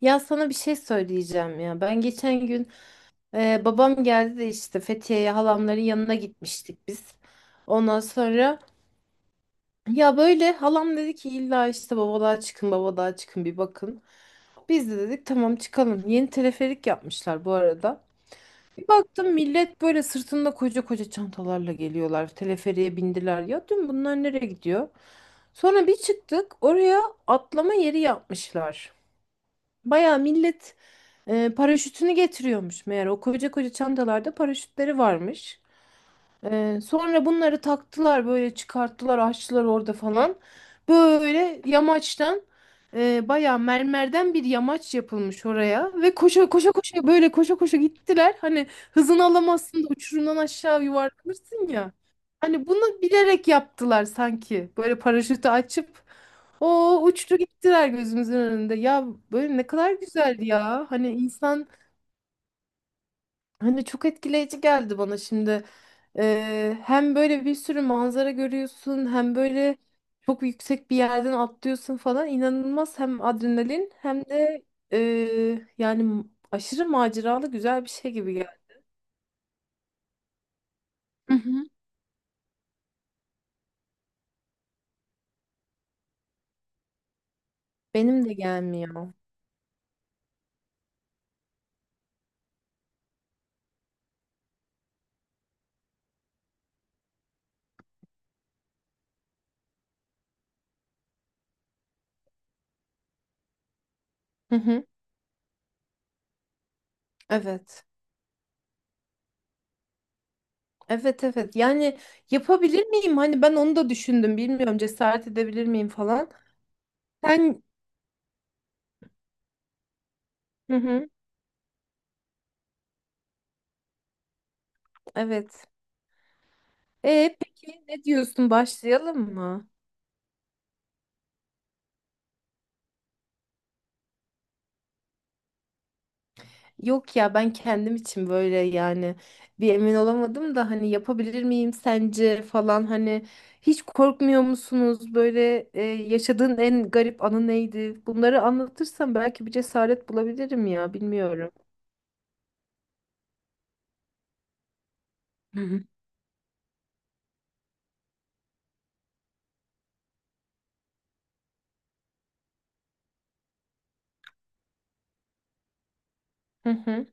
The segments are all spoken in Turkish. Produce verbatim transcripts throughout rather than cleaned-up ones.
Ya sana bir şey söyleyeceğim ya. Ben geçen gün e, babam geldi de işte Fethiye'ye halamların yanına gitmiştik biz. Ondan sonra ya böyle halam dedi ki illa işte babalığa çıkın babalığa çıkın bir bakın. Biz de dedik tamam çıkalım. Yeni teleferik yapmışlar bu arada. Bir baktım millet böyle sırtında koca koca çantalarla geliyorlar. Teleferiğe bindiler. Ya dün bunlar nereye gidiyor? Sonra bir çıktık oraya atlama yeri yapmışlar. Baya millet. Ee, paraşütünü getiriyormuş meğer. O koca koca çantalarda paraşütleri varmış. Ee, sonra bunları taktılar böyle çıkarttılar açtılar orada falan. Böyle yamaçtan e, bayağı mermerden bir yamaç yapılmış oraya. Ve koşa koşa koşa böyle koşa koşa gittiler. Hani hızını alamazsın da uçurumdan aşağı yuvarlanırsın ya. Hani bunu bilerek yaptılar sanki. Böyle paraşütü açıp o uçtu gittiler gözümüzün önünde. Ya böyle ne kadar güzeldi ya. Hani insan. Hani çok etkileyici geldi bana şimdi. Ee, hem böyle bir sürü manzara görüyorsun, hem böyle çok yüksek bir yerden atlıyorsun falan. İnanılmaz hem adrenalin hem de e, yani aşırı maceralı güzel bir şey gibi geldi. Hı hı. Benim de gelmiyor. Hı hı. Evet. Evet evet. Yani yapabilir miyim? Hani ben onu da düşündüm. Bilmiyorum cesaret edebilir miyim falan. Sen hı hı. Evet. E peki ne diyorsun? Başlayalım mı? Yok ya ben kendim için böyle yani bir emin olamadım da hani yapabilir miyim sence falan hani hiç korkmuyor musunuz böyle e, yaşadığın en garip anı neydi? Bunları anlatırsam belki bir cesaret bulabilirim ya bilmiyorum. Hı hı. Hı hı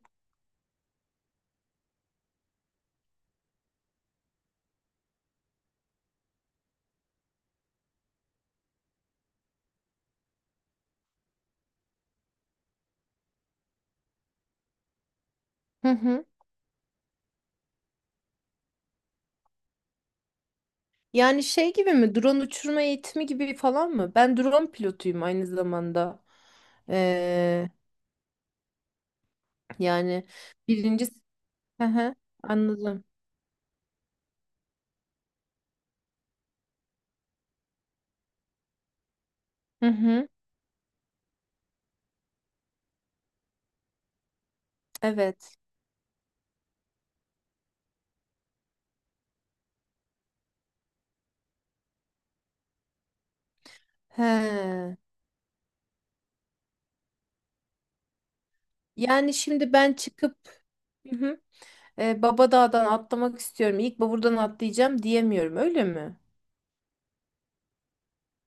hı hı. Yani şey gibi mi drone uçurma eğitimi gibi falan mı? Ben drone pilotuyum aynı zamanda. Ee, Yani birinci... Hı hı, anladım. Hı hı, evet. He. Yani şimdi ben çıkıp hı hı, e, Baba Dağ'dan atlamak istiyorum. İlk buradan atlayacağım diyemiyorum, öyle mi?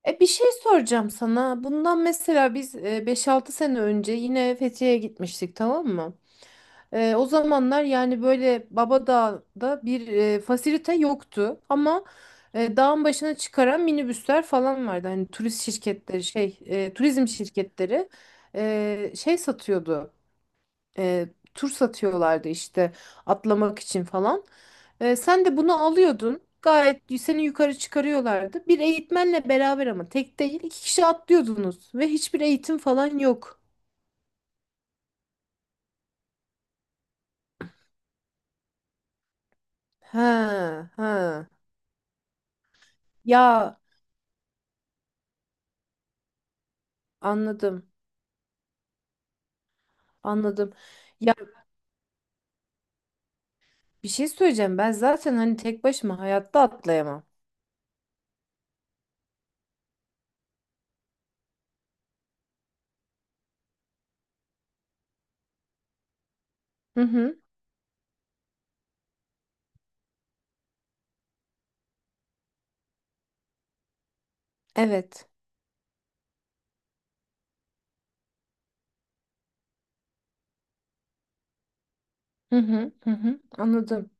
E bir şey soracağım sana. Bundan mesela biz e, beş altı sene önce yine Fethiye'ye gitmiştik, tamam mı? E, o zamanlar yani böyle Baba Dağ'da bir e, fasilite yoktu ama e, dağın başına çıkaran minibüsler falan vardı. Hani turist şirketleri şey, e, turizm şirketleri e, şey satıyordu. e, Tur satıyorlardı işte atlamak için falan. E, sen de bunu alıyordun. Gayet y- seni yukarı çıkarıyorlardı. Bir eğitmenle beraber ama tek değil iki kişi atlıyordunuz ve hiçbir eğitim falan yok. Ha ha. Ya anladım, anladım. Ya bir şey söyleyeceğim. Ben zaten hani tek başıma hayatta atlayamam. Hı hı. Evet. Hı hı. Hı hı. Anladım.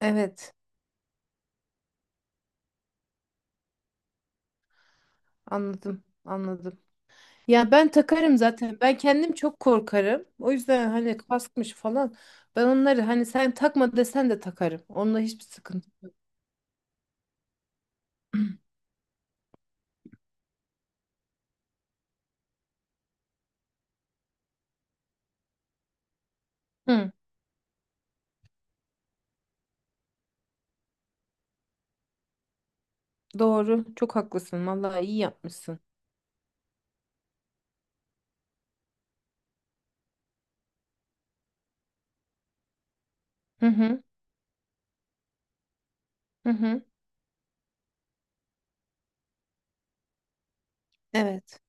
Evet. Anladım. Anladım. Ya ben takarım zaten. Ben kendim çok korkarım. O yüzden hani kaskmış falan. Ben onları hani sen takma desen de takarım. Onunla hiçbir sıkıntı yok. Hı, doğru. Çok haklısın. Vallahi iyi yapmışsın. Hı hı. Hı hı. Evet.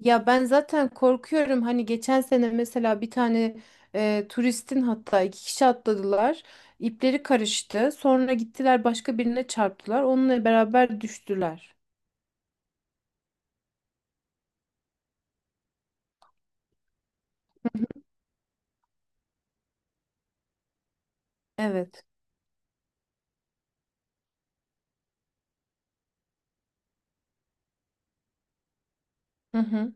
Ya ben zaten korkuyorum. Hani geçen sene mesela bir tane e, turistin hatta iki kişi atladılar. İpleri karıştı. Sonra gittiler başka birine çarptılar. Onunla beraber düştüler. Evet. Hı hı.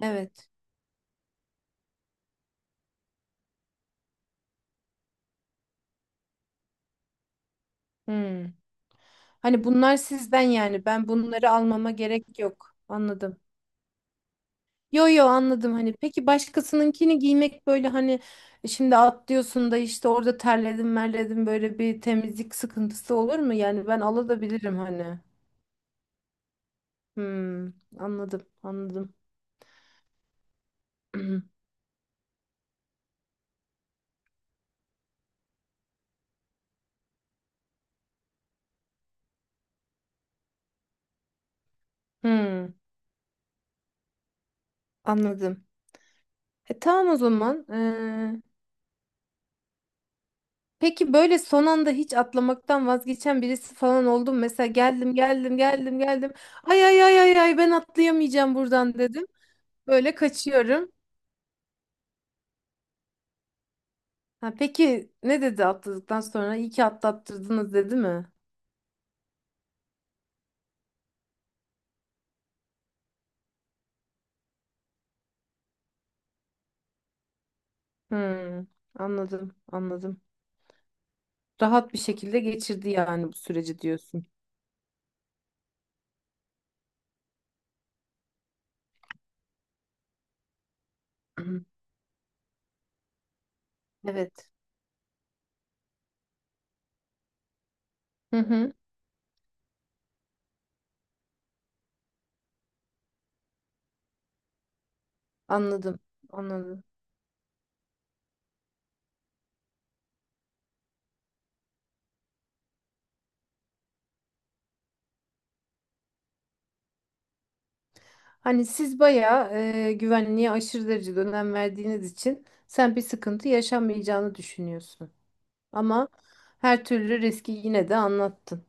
Evet. Hı. Hani bunlar sizden yani ben bunları almama gerek yok. Anladım. Yo yo anladım hani peki başkasınınkini giymek böyle hani e, şimdi atlıyorsun da işte orada terledim merledim böyle bir temizlik sıkıntısı olur mu? Yani ben alabilirim hani. Hmm, anladım anladım. Hmm, anladım. E tamam o zaman. Peki böyle son anda hiç atlamaktan vazgeçen birisi falan oldu mu? Mesela geldim geldim geldim geldim. Ay ay ay ay ay ben atlayamayacağım buradan dedim. Böyle kaçıyorum. Ha, peki ne dedi atladıktan sonra? İyi ki atlattırdınız dedi mi? Hmm, anladım anladım. Rahat bir şekilde geçirdi yani bu süreci diyorsun. Evet. Hı hı, anladım anladım. Hani siz bayağı e, güvenliğe aşırı derecede önem verdiğiniz için sen bir sıkıntı yaşanmayacağını düşünüyorsun. Ama her türlü riski yine de anlattın.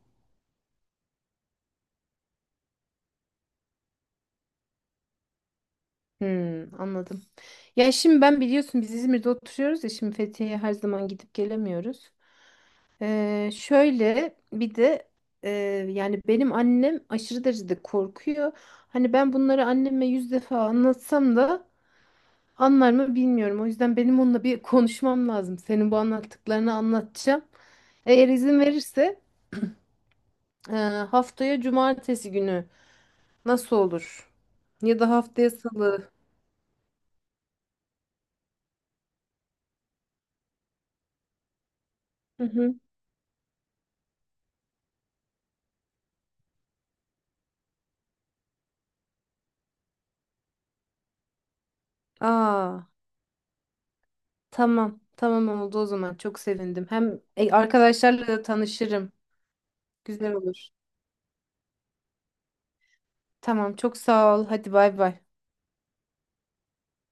Hmm, anladım. Ya şimdi ben biliyorsun biz İzmir'de oturuyoruz ya şimdi Fethiye'ye her zaman gidip gelemiyoruz. Ee, şöyle bir de e, yani benim annem aşırı derecede korkuyor. Hani ben bunları anneme yüz defa anlatsam da anlar mı bilmiyorum. O yüzden benim onunla bir konuşmam lazım. Senin bu anlattıklarını anlatacağım. Eğer izin verirse e, haftaya cumartesi günü. Nasıl olur? Ya da haftaya salı. Hı hı. Aa, tamam. Tamam oldu o zaman. Çok sevindim. Hem e, arkadaşlarla da tanışırım. Güzel olur. Tamam, çok sağ ol. Hadi bay bay.